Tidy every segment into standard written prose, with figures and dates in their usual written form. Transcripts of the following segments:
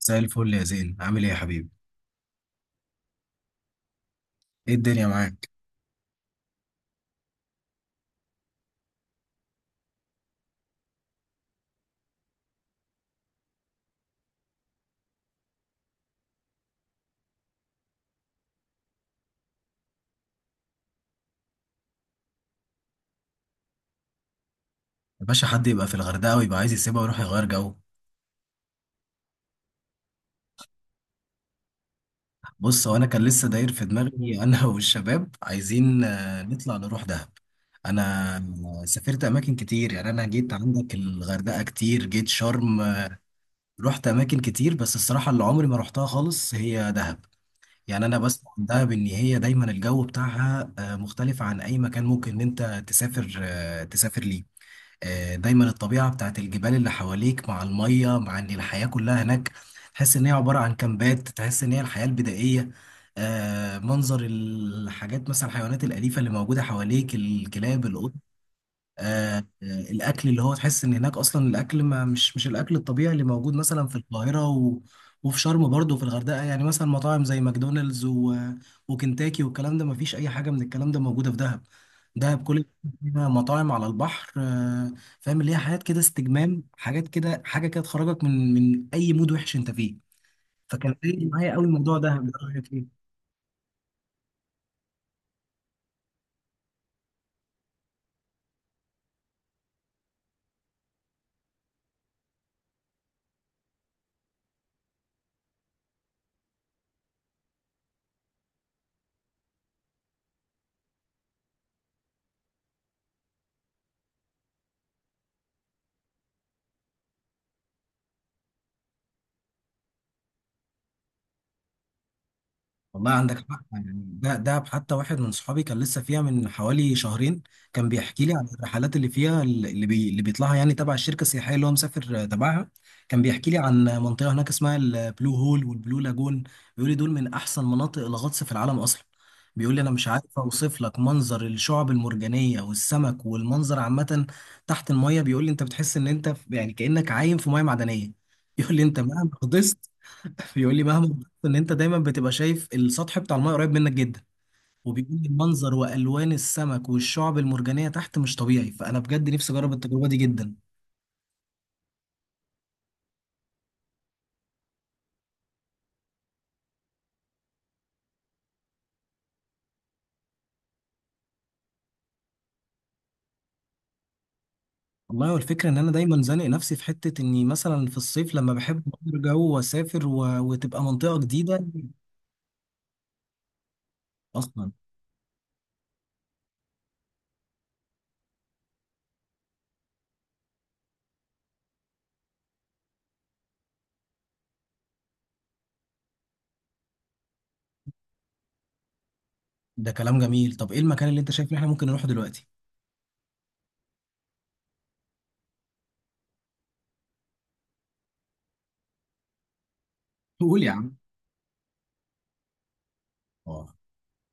زي الفل يا زين، عامل ايه يا حبيبي؟ ايه الدنيا معاك؟ يا باشا، حد يبقى في الغردقه ويبقى عايز يسيبها ويروح يغير جو؟ بص، هو انا كان لسه داير في دماغي انا والشباب عايزين، نطلع نروح دهب. انا سافرت اماكن كتير، يعني انا جيت عندك الغردقه كتير، جيت شرم رحت اماكن كتير، بس الصراحه اللي عمري ما رحتها خالص هي دهب. يعني انا بسمع عن دهب ان هي دايما الجو بتاعها مختلف عن اي مكان ممكن ان انت تسافر تسافر ليه. دايما الطبيعة بتاعت الجبال اللي حواليك مع المية، مع ان الحياة كلها هناك تحس ان هي عبارة عن كامبات، تحس ان هي الحياة البدائية. منظر الحاجات، مثلا الحيوانات الأليفة اللي موجودة حواليك، الكلاب، القط الاكل اللي هو تحس ان هناك اصلا الاكل ما مش مش الاكل الطبيعي اللي موجود مثلا في القاهره و... وفي شرم برضه وفي الغردقه، يعني مثلا مطاعم زي ماكدونالدز و... وكنتاكي، والكلام ده ما فيش اي حاجه من الكلام ده موجوده في دهب. دهب كل فيها مطاعم على البحر فاهم اللي هي حاجات كده استجمام، حاجات كده، حاجه كده تخرجك من اي مود وحش انت فيه. فكان فارق معايا قوي موضوع دهب ده، رايك إيه؟ والله عندك حق، يعني ده دهب. حتى واحد من صحابي كان لسه فيها من حوالي شهرين، كان بيحكي لي عن الرحلات اللي فيها اللي بيطلعها، يعني تبع الشركة السياحية اللي هو مسافر تبعها. كان بيحكي لي عن منطقة هناك اسمها البلو هول والبلو لاجون، بيقول لي دول من أحسن مناطق الغطس في العالم أصلا. بيقول لي أنا مش عارف أوصف لك منظر الشعب المرجانية والسمك والمنظر عامة تحت المية. بيقول لي أنت بتحس إن أنت يعني كأنك عايم في مية معدنية. بيقول لي أنت مهما غطست، بيقول لي مهما ان انت دايما بتبقى شايف السطح بتاع الماء قريب منك جدا، وبيكون المنظر والوان السمك والشعب المرجانيه تحت مش طبيعي. فانا بجد نفسي اجرب التجربه دي جدا. والله، والفكره ان انا دايما زانق نفسي في حته اني مثلا في الصيف لما بحب اغير جو واسافر و... وتبقى منطقه جديده اصلا. ده كلام جميل. طب ايه المكان اللي انت شايف ان احنا ممكن نروحه دلوقتي؟ تقول يا عم. اه.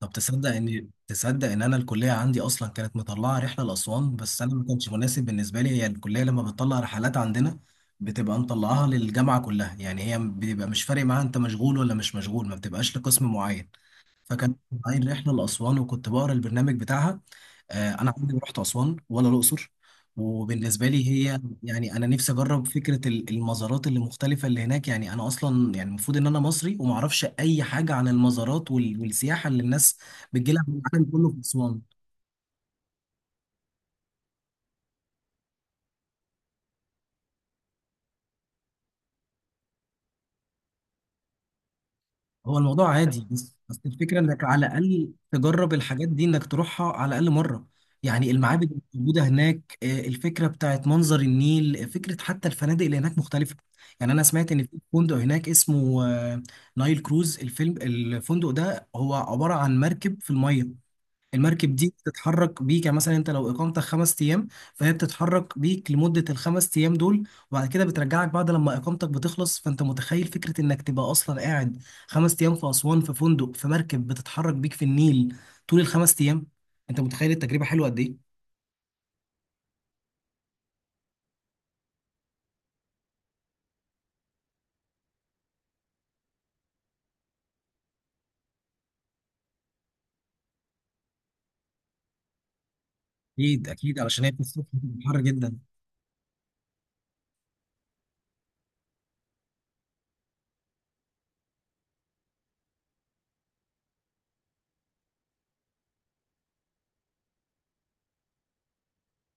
طب تصدق ان انا الكليه عندي اصلا كانت مطلعه رحله لاسوان، بس انا ما كانش مناسب بالنسبه لي. هي الكليه لما بتطلع رحلات عندنا بتبقى مطلعاها للجامعه كلها، يعني هي بيبقى مش فارق معاها انت مشغول ولا مش مشغول، ما بتبقاش لقسم معين. فكان عايز رحله لاسوان وكنت بقرا البرنامج بتاعها. انا عمري ما رحت اسوان ولا الاقصر، وبالنسبه لي هي، يعني انا نفسي اجرب فكره المزارات اللي مختلفه اللي هناك. يعني انا اصلا يعني المفروض ان انا مصري وما اعرفش اي حاجه عن المزارات والسياحه اللي الناس بتجي لها من العالم كله في اسوان. هو الموضوع عادي، بس الفكره انك على الاقل تجرب الحاجات دي، انك تروحها على الاقل مره. يعني المعابد اللي موجوده هناك، الفكره بتاعت منظر النيل، فكره حتى الفنادق اللي هناك مختلفه. يعني انا سمعت ان في فندق هناك اسمه نايل كروز الفيلم. الفندق ده هو عباره عن مركب في الميه. المركب دي بتتحرك بيك، يعني مثلا انت لو اقامتك 5 ايام فهي بتتحرك بيك لمده ال5 ايام دول، وبعد كده بترجعك بعد لما اقامتك بتخلص. فانت متخيل فكره انك تبقى اصلا قاعد 5 ايام في اسوان في فندق في مركب بتتحرك بيك في النيل طول ال5 ايام؟ انت متخيل التجربه حلوه قد ايه؟ اكيد اكيد، علشان هي في الصيف بتبقى حر جدا.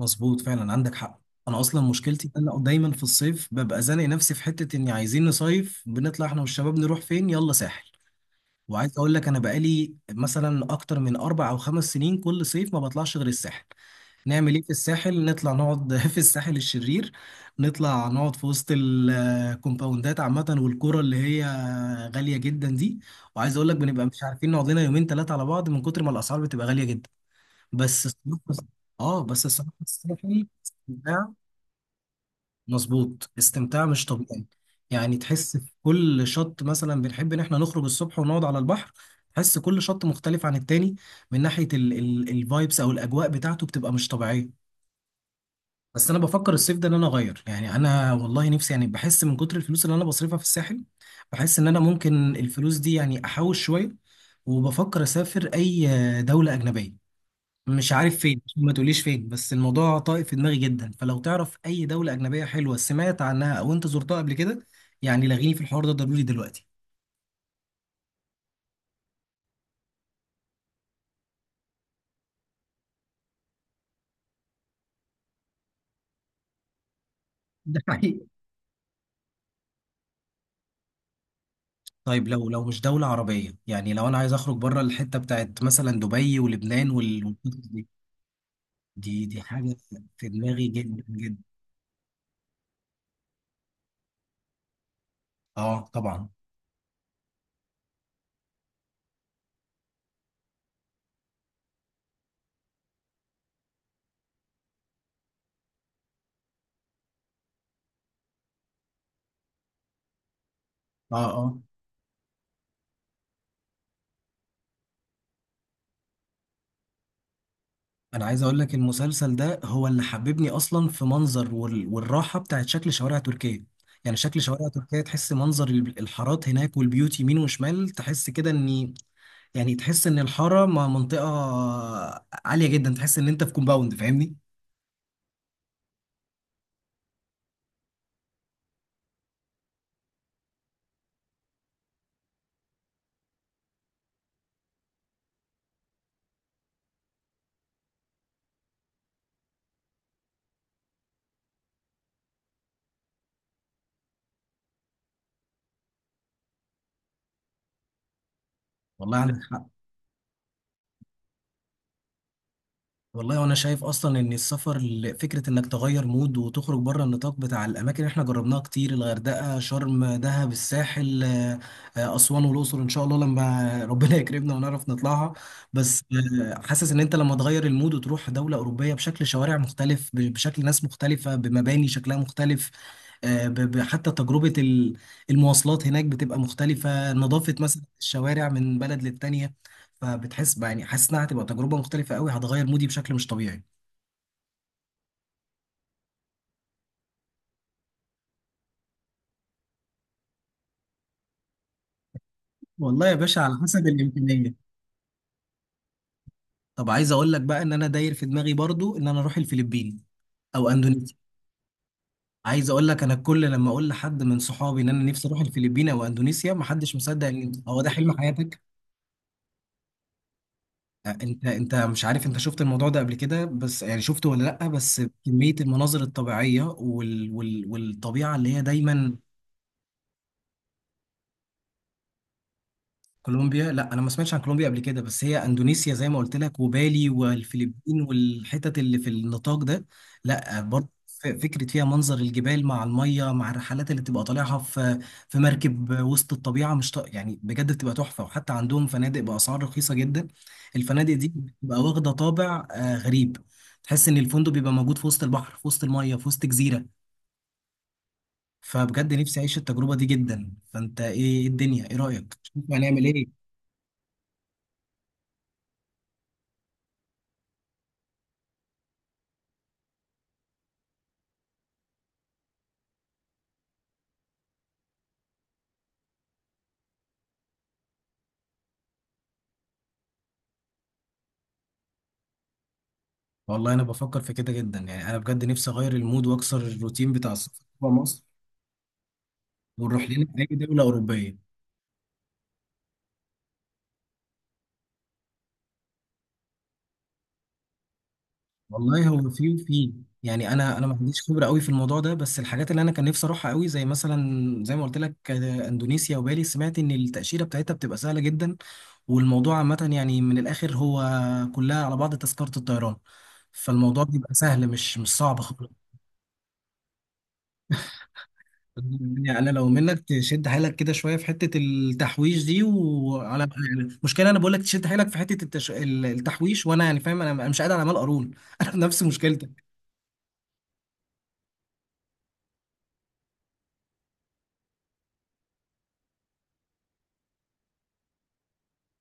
مظبوط، فعلا عندك حق. انا اصلا مشكلتي ان انا دايما في الصيف ببقى زانق نفسي في حته اني عايزين نصيف، بنطلع احنا والشباب نروح فين، يلا ساحل. وعايز اقول لك انا بقالي مثلا اكتر من 4 او 5 سنين كل صيف ما بطلعش غير الساحل. نعمل ايه في الساحل؟ نطلع نقعد في الساحل الشرير، نطلع نقعد في وسط الكومباوندات عامه والقرى اللي هي غاليه جدا دي. وعايز اقول لك بنبقى مش عارفين نقعد لنا يومين 3 على بعض من كتر ما الاسعار بتبقى غاليه جدا. بس الصراحة- اه بس الصراحه الساحل مظبوط، استمتاع مش طبيعي. يعني تحس في كل شط، مثلا بنحب ان احنا نخرج الصبح ونقعد على البحر، تحس كل شط مختلف عن التاني من ناحية الفايبس او الاجواء بتاعته، بتبقى مش طبيعية. بس انا بفكر الصيف ده ان انا اغير، يعني انا والله نفسي يعني بحس من كتر الفلوس اللي انا بصرفها في الساحل، بحس ان انا ممكن الفلوس دي يعني احوش شوية، وبفكر اسافر اي دولة اجنبية. مش عارف فين، ما تقوليش فين، بس الموضوع طايف في دماغي جدا. فلو تعرف اي دولة اجنبية حلوة سمعت عنها او انت زرتها قبل كده، يعني لغيني في الحوار ده ضروري دلوقتي. ده حقيقي. طيب، لو مش دولة عربية، يعني لو انا عايز اخرج بره الحتة بتاعت مثلا دبي ولبنان والحتت دي، دي حاجة في دماغي جدا جدا. اه طبعا. اه اه انا عايز اقول لك المسلسل ده هو اللي حببني اصلا في منظر والراحه بتاعت شكل شوارع تركيا. يعني شكل شوارع تركيا، تحس منظر الحارات هناك والبيوت يمين وشمال، تحس كده ان، يعني تحس ان الحاره منطقه عاليه جدا، تحس ان انت في كومباوند، فاهمني؟ والله عندك حق. والله وانا شايف اصلا ان السفر فكره انك تغير مود وتخرج بره النطاق بتاع الاماكن اللي احنا جربناها كتير، الغردقه، شرم، دهب، الساحل، اسوان والاقصر ان شاء الله لما ربنا يكرمنا ونعرف نطلعها. بس حاسس ان انت لما تغير المود وتروح دوله اوروبيه بشكل شوارع مختلف، بشكل ناس مختلفه، بمباني شكلها مختلف، حتى تجربه المواصلات هناك بتبقى مختلفه، نظافه مثلا الشوارع من بلد للتانيه. فبتحس بقى، يعني حاسس انها هتبقى تجربه مختلفه قوي، هتغير مودي بشكل مش طبيعي. والله يا باشا على حسب الامكانيه. طب عايز اقول لك بقى ان انا داير في دماغي برضو ان انا اروح الفلبين او اندونيسيا. عايز اقول لك انا كل لما اقول لحد من صحابي ان انا نفسي اروح الفلبين او اندونيسيا محدش مصدق ان هو ده حلم حياتك. انت مش عارف، انت شفت الموضوع ده قبل كده بس يعني، شفته ولا لا؟ بس كميه المناظر الطبيعيه وال... وال... والطبيعه اللي هي دايما. كولومبيا؟ لا انا ما سمعتش عن كولومبيا قبل كده، بس هي اندونيسيا زي ما قلت لك، وبالي والفلبين والحتت اللي في النطاق ده، لا برضه فكره فيها منظر الجبال مع الميه مع الرحلات اللي بتبقى طالعها في مركب وسط الطبيعه، مش يعني بجد بتبقى تحفه، وحتى عندهم فنادق باسعار رخيصه جدا. الفنادق دي بتبقى واخده طابع غريب، تحس ان الفندق بيبقى موجود في وسط البحر، في وسط الميه، في وسط جزيره. فبجد نفسي اعيش التجربه دي جدا. فانت ايه؟ إيه الدنيا، ايه رايك؟ شوف هنعمل ايه. والله انا بفكر في كده جدا، يعني انا بجد نفسي اغير المود واكسر الروتين بتاع السفر جوه مصر ونروح لنا اي دوله اوروبيه. والله هو في وفي، يعني انا ما عنديش خبره قوي في الموضوع ده، بس الحاجات اللي انا كان نفسي اروحها قوي زي مثلا زي ما قلت لك، اندونيسيا وبالي، سمعت ان التاشيره بتاعتها بتبقى سهله جدا، والموضوع عامه يعني من الاخر هو كلها على بعض تذكره الطيران، فالموضوع بيبقى سهل، مش صعب خالص. يعني انا لو منك تشد حيلك كده شويه في حته التحويش دي وعلى، يعني مشكله، انا بقول لك تشد حيلك في حته التحويش، وانا يعني فاهم انا، أنا مش قادر على مال قارون، انا نفس مشكلتك.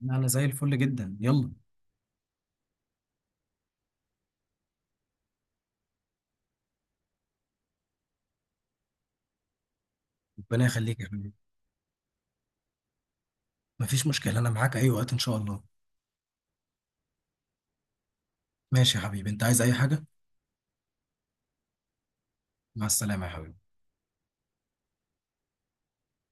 لا، انا زي الفل جدا، يلا. ربنا يخليك يا حبيبي. مفيش مشكله، انا معاك اي وقت ان شاء الله. ماشي يا حبيبي، انت عايز اي حاجه؟ مع السلامه يا حبيبي.